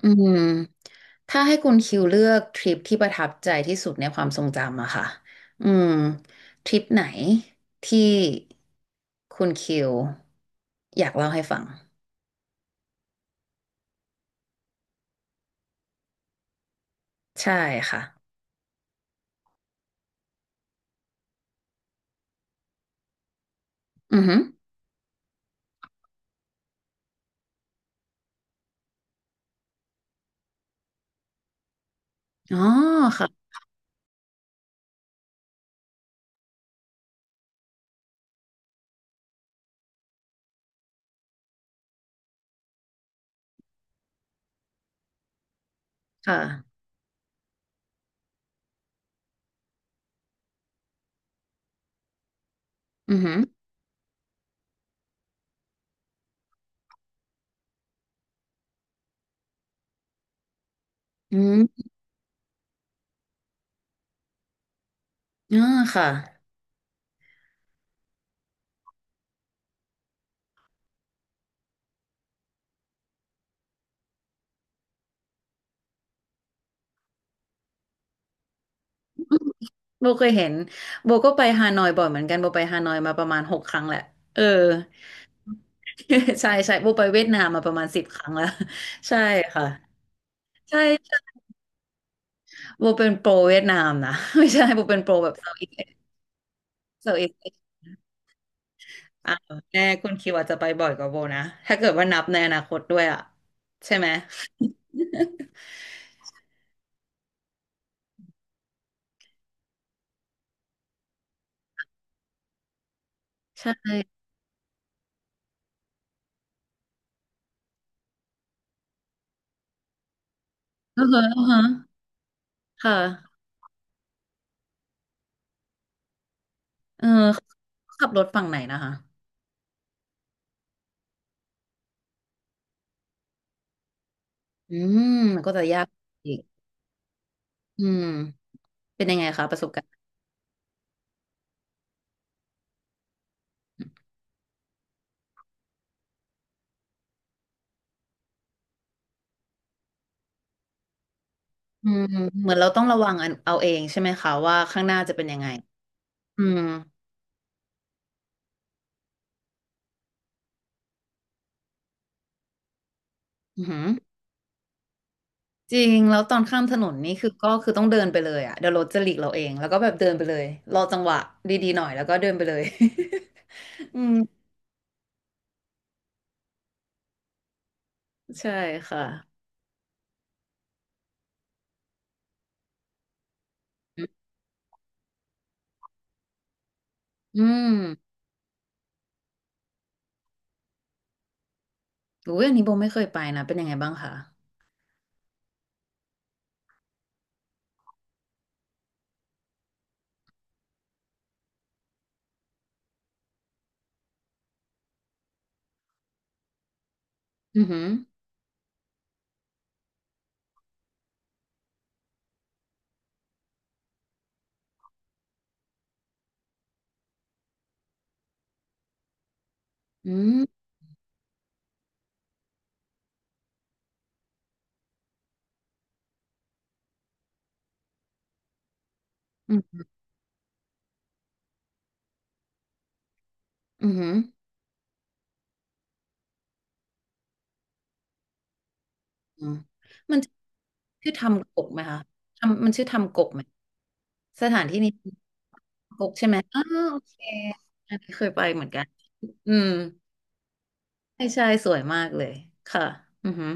อืมถ้าให้คุณคิวเลือกทริปที่ประทับใจที่สุดในความทรงจำอะค่ะอืมทริปไหนที่คุณคิวอยากเล่าให้ฟังใช่ค่ะอือหืออ๋อค่ะค่ะอือหืออืมอ่าค่ะโบเคยเห็นโบก็ไปฮานอยบ่อยเหมือนกันโบไปฮานอยมาประมาณหกครั้งแหละเออ ใช่ใช่โบไปเวียดนามมาประมาณสิบครั้งแล้ว ใช่ค่ะใช่ โบเป็นโปรเวียดนามนะ ไม่ใช่โบเป็นโปรแบบเซาท์อีสเซาท์อีสอ่าแน่คุณคิวอาจจะไปบ่อยกว่าโบนะถ้าเกิดว่านับในอนาคตด้วยอ่ะใช่ไหม ใช่เออเออฮะค่ะเออขับรถฝั่งไหนนะคะอืมมันก็จะยากอีกอืมเป็นยังไงคะประสบการณ์อืมเหมือนเราต้องระวังเอาเองใช่ไหมคะว่าข้างหน้าจะเป็นยังไงอืมอือหือ จริงแล้วตอนข้ามถนนนี่คือก็คือต้องเดินไปเลยอ่ะเดี๋ยวรถจะหลีกเราเองแล้วก็แบบเดินไปเลยรอจังหวะดีๆหน่อยแล้วก็เดินไปเลย อืมใช่ค่ะอืมอุ้ยอันนี้โบไม่เคยไปนะเป็นยังไงบ้างคะอือหืออืมอืมอือหืออืมมันชื่อทำกกไหมคะทำมันชื่อทำกกไหมสถานที่นี้อ้าวโอเคอันนี้เคยไปเหมือนกันอืมใช่ใช่สวยมากเลยค่ะอือหือ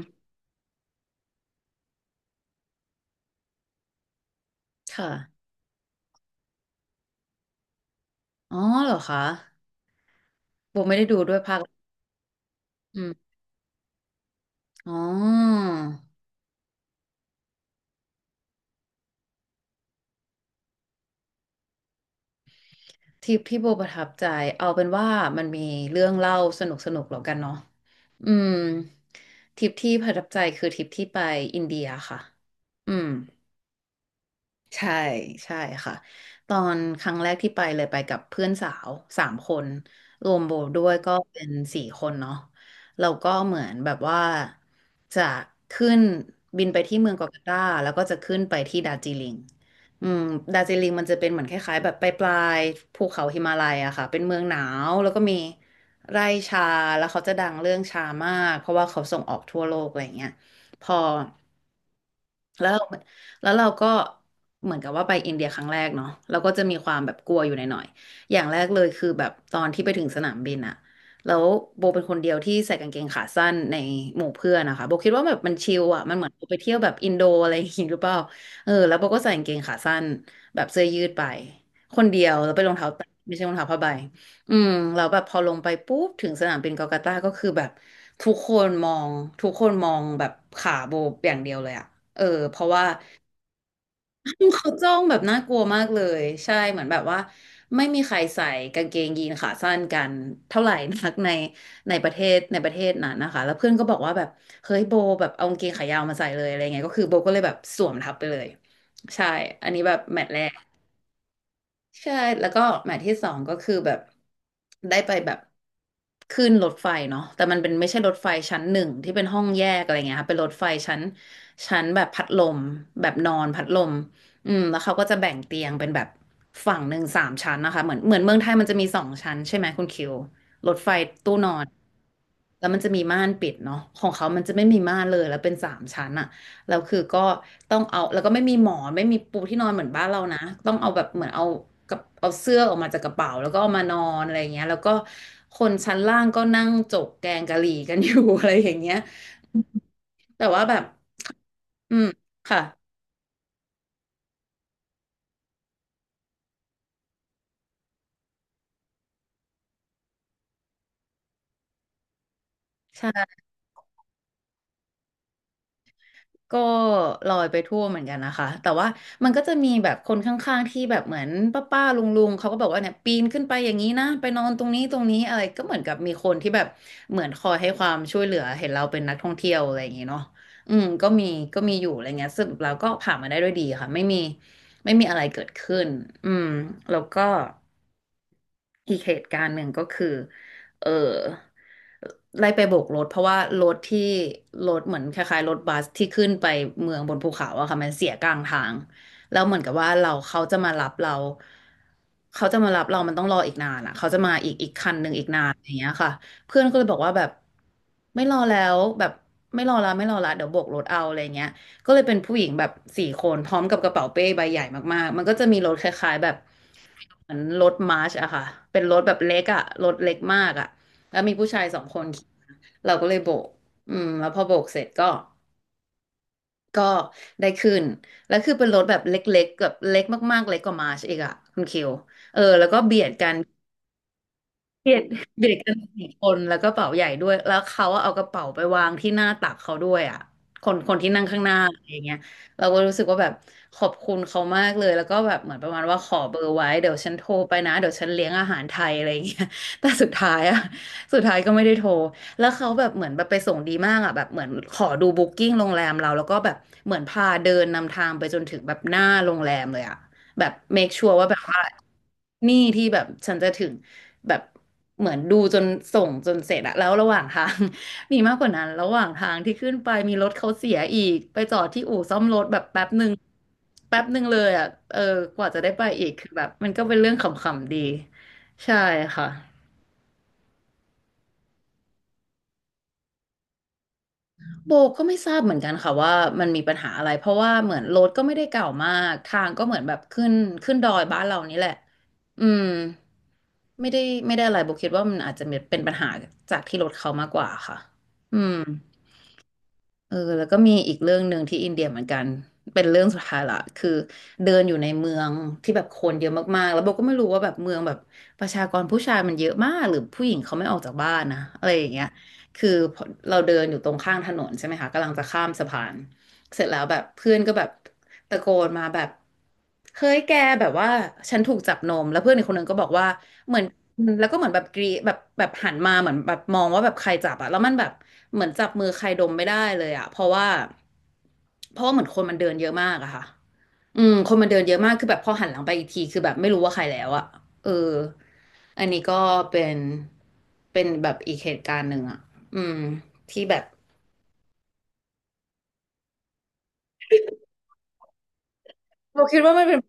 ค่ะ อ๋อเหรอคะโบไม่ได้ดูด้วยภาคอืมอ๋อทริปที่โบประทับใจเอาเป็นว่ามันมีเรื่องเล่าสนุกแล้วกันเนาะอืมทริปที่ประทับใจคือทริปที่ไปอินเดียค่ะอืม ใช่ใช่ค่ะตอนครั้งแรกที่ไปเลยไปกับเพื่อนสาวสามคนรวมโบด้วยก็เป็นสี่คนเนาะเราก็เหมือนแบบว่าจะขึ้นบินไปที่เมืองกัวกาตาแล้วก็จะขึ้นไปที่ดาร์จิลิงอืมดาร์จิลิงมันจะเป็นเหมือนคล้ายๆแบบปลายๆภูเขาหิมาลัยอะค่ะเป็นเมืองหนาวแล้วก็มีไร่ชาแล้วเขาจะดังเรื่องชามากเพราะว่าเขาส่งออกทั่วโลกอะไรอย่างเงี้ยพอ แล้วเราแล้วเราก็เหมือนกับว่าไปอินเดียครั้งแรกเนาะเราก็จะมีความแบบกลัวอยู่หน่อยๆอย่างแรกเลยคือแบบตอนที่ไปถึงสนามบินอะแล้วโบเป็นคนเดียวที่ใส่กางเกงขาสั้นในหมู่เพื่อนนะคะโบคิดว่าแบบมันชิลอะมันเหมือนไปเที่ยวแบบอินโดอะไรอย่างงี้หรือเปล่าเออแล้วโบก็ใส่กางเกงขาสั้นแบบเสื้อยืดไปคนเดียวแล้วไปนรองเท้าแตะไม่ใช่รองเท้าผ้าใบอืมเราแล้วแบบพอลงไปปุ๊บถึงสนามบินกลกัตตาก็คือแบบทุกคนมองทุกคนมองแบบขาโบอย่างเดียวเลยอะ เออเพราะว่า เขาจ้องแบบน่ากลัวมากเลยใช่เหมือนแบบว่าไม่มีใครใส่กางเกงยีนขาสั้นกันเท่าไหร่นักในในประเทศในประเทศนั้นนะคะแล้วเพื่อนก็บอกว่าแบบเฮ้ยโบแบบเอากางเกงขายาวมาใส่เลยอะไรเงี้ยก็คือโบก็เลยแบบสวมทับไปเลยใช่อันนี้แบบแมตช์แร ใช่แล้วก็หมาที่สองก็คือแบบได้ไปแบบขึ้นรถไฟเนาะแต่มันเป็นไม่ใช่รถไฟชั้นหนึ่งที่เป็นห้องแยกอะไรเงี้ยค่ะเป็นรถไฟชั้นแบบพัดลมแบบนอนพัดลมอืมแล้วเขาก็จะแบ่งเตียงเป็นแบบฝั่งหนึ่งสามชั้นนะคะเหมือนเมืองไทยมันจะมีสองชั้นใช่ไหมคุณคิวรถไฟตู้นอนแล้วมันจะมีม่านปิดเนาะของเขามันจะไม่มีม่านเลยแล้วเป็นสามชั้นอะ แล้วคือก็ต้องเอาแล้วก็ไม่มีหมอนไม่มีปูที่นอนเหมือนบ้านเรานะต้องเอาแบบเหมือนเอากับเอาเสื้อออกมาจากกระเป๋าแล้วก็เอามานอนอะไรอย่างเงี้ยแล้วก็คนชั้นล่างก็นั่งจกแกงกะหรี่กันอยู่ อะไรอย่างเงี้ยแต่ว่าแบบอืมค่ะ ก็ลอยไปทั่วเหมือนกันนะคะแต่ว่ามันก็จะมีแบบคนข้างๆที่แบบเหมือนป้าป้าลุงลุงๆเขาก็บอกว่าเนี่ยปีนขึ้นไปอย่างนี้นะไปนอนตรงนี้อะไรก็เหมือนกับมีคนที่แบบเหมือนคอยให้ความช่วยเหลือเห็นเราเป็นนักท่องเที่ยวอะไรอย่างงี้เนาะอืมก็มีอยู่อะไรเงี้ยสรุปแล้วก็ผ่านมาได้ด้วยดีค่ะไม่มีอะไรเกิดขึ้นอืมแล้วก็อีกเหตุการณ์หนึ่งก็คือ เออไล่ไปโบกรถเพราะว่ารถที่เหมือนคล้ายๆรถบัสที่ขึ้นไปเมืองบนภูเขาอะค่ะมันเสียกลางทางแล้วเหมือนกับว่าเราเขาจะมารับเราเขาจะมารับเรามันต้องรออีกนานอะเขาจะมาอีกคันหนึ่งอีกนานอย่างเงี้ยค่ะเพื่อนก็เลยบอกว่าแบบไม่รอแล้วแบบไม่รอละเดี๋ยวโบกรถเอาอะไรเงี้ย ก็เลยเป็นผู้หญิงแบบสี่คนพร้อมกับกระเป๋าเป้ใบใหญ่มากๆ มันก็จะมีรถคล้ายๆแบบเหมือนรถมาร์ชอะค่ะเป็นรถแบบเล็กอะรถเล็กมากอะแล้วมีผู้ชายสองคนขี่มาเราก็เลยโบกอืมแล้วพอโบกเสร็จก็ได้ขึ้นแล้วคือเป็นรถแบบเล็กๆแบบเล็กมากๆเล็กกว่ามาร์ชอีกอะคุณคิว เบียด เบียดกันสี่คนแล้วก็เป๋าใหญ่ด้วยแล้วเขาเอากระเป๋าไปวางที่หน้าตักเขาด้วยอ่ะคนคนที่นั่งข้างหน้าอะไรอย่างเงี้ยเราก็รู้สึกว่าแบบขอบคุณเขามากเลยแล้วก็แบบเหมือนประมาณว่าขอเบอร์ไว้เดี๋ยวฉันโทรไปนะเดี๋ยวฉันเลี้ยงอาหารไทยอะไรอย่างเงี้ย แต่สุดท้ายอ่ะสุดท้ายก็ไม่ได้โทรแล้วเขาแบบเหมือนแบบไปส่งดีมากอ่ะแบบเหมือนขอดูบุ๊กิ้งโรงแรมเราแล้วก็แบบเหมือนพาเดินนำทางไปจนถึงแบบหน้าโรงแรมเลยอ่ะ แบบ make sure ว่าแบบว่านี่ที่แบบฉันจะถึงแบบเหมือนดูจนส่งจนเสร็จอะแล้วระหว่างทาง มีมากกว่านั้นระหว่างทางที่ขึ้นไปมีรถเขาเสียอีกไปจอดที่อู่ซ่อมรถแบบแป๊บหนึ่งแป๊บหนึ่งเลยอะเออกว่าจะได้ไปอีกคือแบบมันก็เป็นเรื่องขำๆดีใช่ค่ะ โบก็ไม่ทราบเหมือนกันค่ะว่ามันมีปัญหาอะไรเพราะว่าเหมือนรถก็ไม่ได้เก่ามากทางก็เหมือนแบบขึ้นดอยบ้านเรานี่แหละอืมไม่ได้อะไรโบคิดว่ามันอาจจะเป็นปัญหาจากที่รถเขามากกว่าค่ะอืม แล้วก็มีอีกเรื่องหนึ่งที่อินเดียเหมือนกันเป็นเรื่องสุดท้ายละคือเดินอยู่ในเมืองที่แบบคนเยอะมากๆแล้วโบก็ไม่รู้ว่าแบบเมืองแบบประชากรผู้ชายมันเยอะมากหรือผู้หญิงเขาไม่ออกจากบ้านนะอะไรอย่างเงี้ยคือพอเราเดินอยู่ตรงข้างถนนใช่ไหมคะกำลังจะข้ามสะพานเสร็จแล้วแบบเพื่อนก็แบบตะโกนมาแบบเฮ้ยแกแบบว่าฉันถูกจับนมแล้วเพื่อนอีกคนนึงก็บอกว่าเหมือน อืมแล้วก็เหมือนแบบกรีแบบหันมาเหมือนแบบมองว่าแบบใครจับอะแล้วมันแบบเหมือนจับมือใครดมไม่ได้เลยอะเพราะว่าเหมือนคนมันเดินเยอะมากอะค่ะอืมคนมันเดินเยอะมากคือแบบพอหันหลังไปอีกทีคือแบบไม่รู้ว่าใครแล้วอะเอออันนี้ก็เป็นแบบอีกเหตุการณ์หนึ่งอะอืมที่แบบเราคิดว่ามันเป็น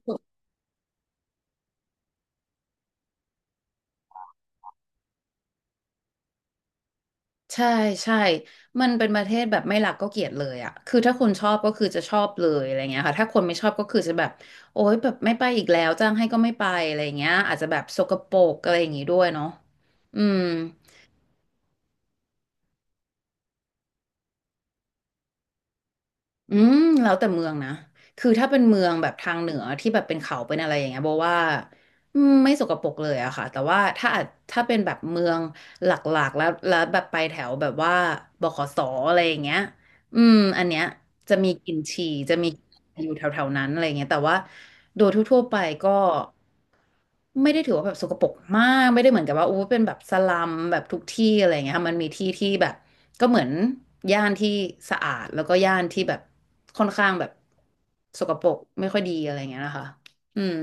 ใช่ใช่ มันเป็นประเทศแบบไม่รักก็เกลียดเลยอะ คือถ้าคนชอบก็คือจะชอบเลยอะไรเงี้ยค่ะถ้าคนไม่ชอบก็คือจะแบบโอ๊ยแบบไม่ไปอีกแล้วจ้างให้ก็ไม่ไปอะไรเงี้ยอาจจะแบบสกปรกอะไรอย่างงี้ด้วยเนาะอืมอืม แล้วแต่เมืองนะคือถ้าเป็นเมืองแบบทางเหนือที่แบบเป็นเขาเป็นอะไรอย่างเงี้ยโบว่าอืมไม่สกปรกเลยอะค่ะแต่ว่าถ้าอาจเป็นแบบเมืองหลักๆแล้วแบบไปแถวแบบว่าบขสอะไรอย่างเงี้ยอืมอันเนี้ย จะมีกลิ่นฉี่จะมีอยู่แถวๆนั้นอะไรเงี้ยแต่ว่าโดยทั่วๆไปก็ไม่ได้ถือว่าแบบสกปรกมากไม่ได้เหมือนกับว่าอู้เป็นแบบสลัมแบบทุกที่อะไรเงี้ยค่ะมันมีที่ที่แบบก็เหมือนย่านที่สะอาดแล้วก็ย่านที่แบบค่อนข้างแบบสกปรกไม่ค่อยดีอะไรเงี้ยนะคะอืม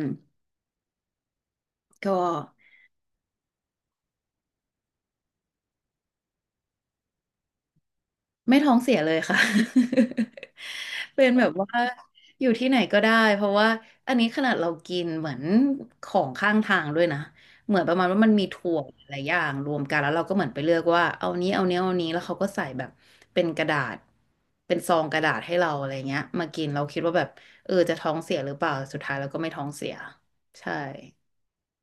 ก็ ไม่ท้องเสียเลยค่ะ เป็นแบบว่าอยู่ที่ไหนก็ได้เพราะว่าอันนี้ขนาดเรากินเหมือนของข้างทางด้วยนะเหมือนประมาณว่ามันมีถั่วหลายอย่างรวมกันแล้วเราก็เหมือนไปเลือกว่าเอานี้เอานี้เอานี้แล้วเขาก็ใส่แบบเป็นกระดาษเป็นซองกระดาษให้เราอะไรเงี้ยมากินเราคิดว่าแบบเออจะท้องเสียหรือเปล่าสุดท้ายเราก็ไม่ท้องเสียใช่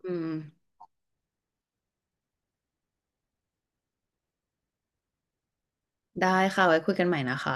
อืมได้ค่ะไว้คุยกันใหม่นะคะ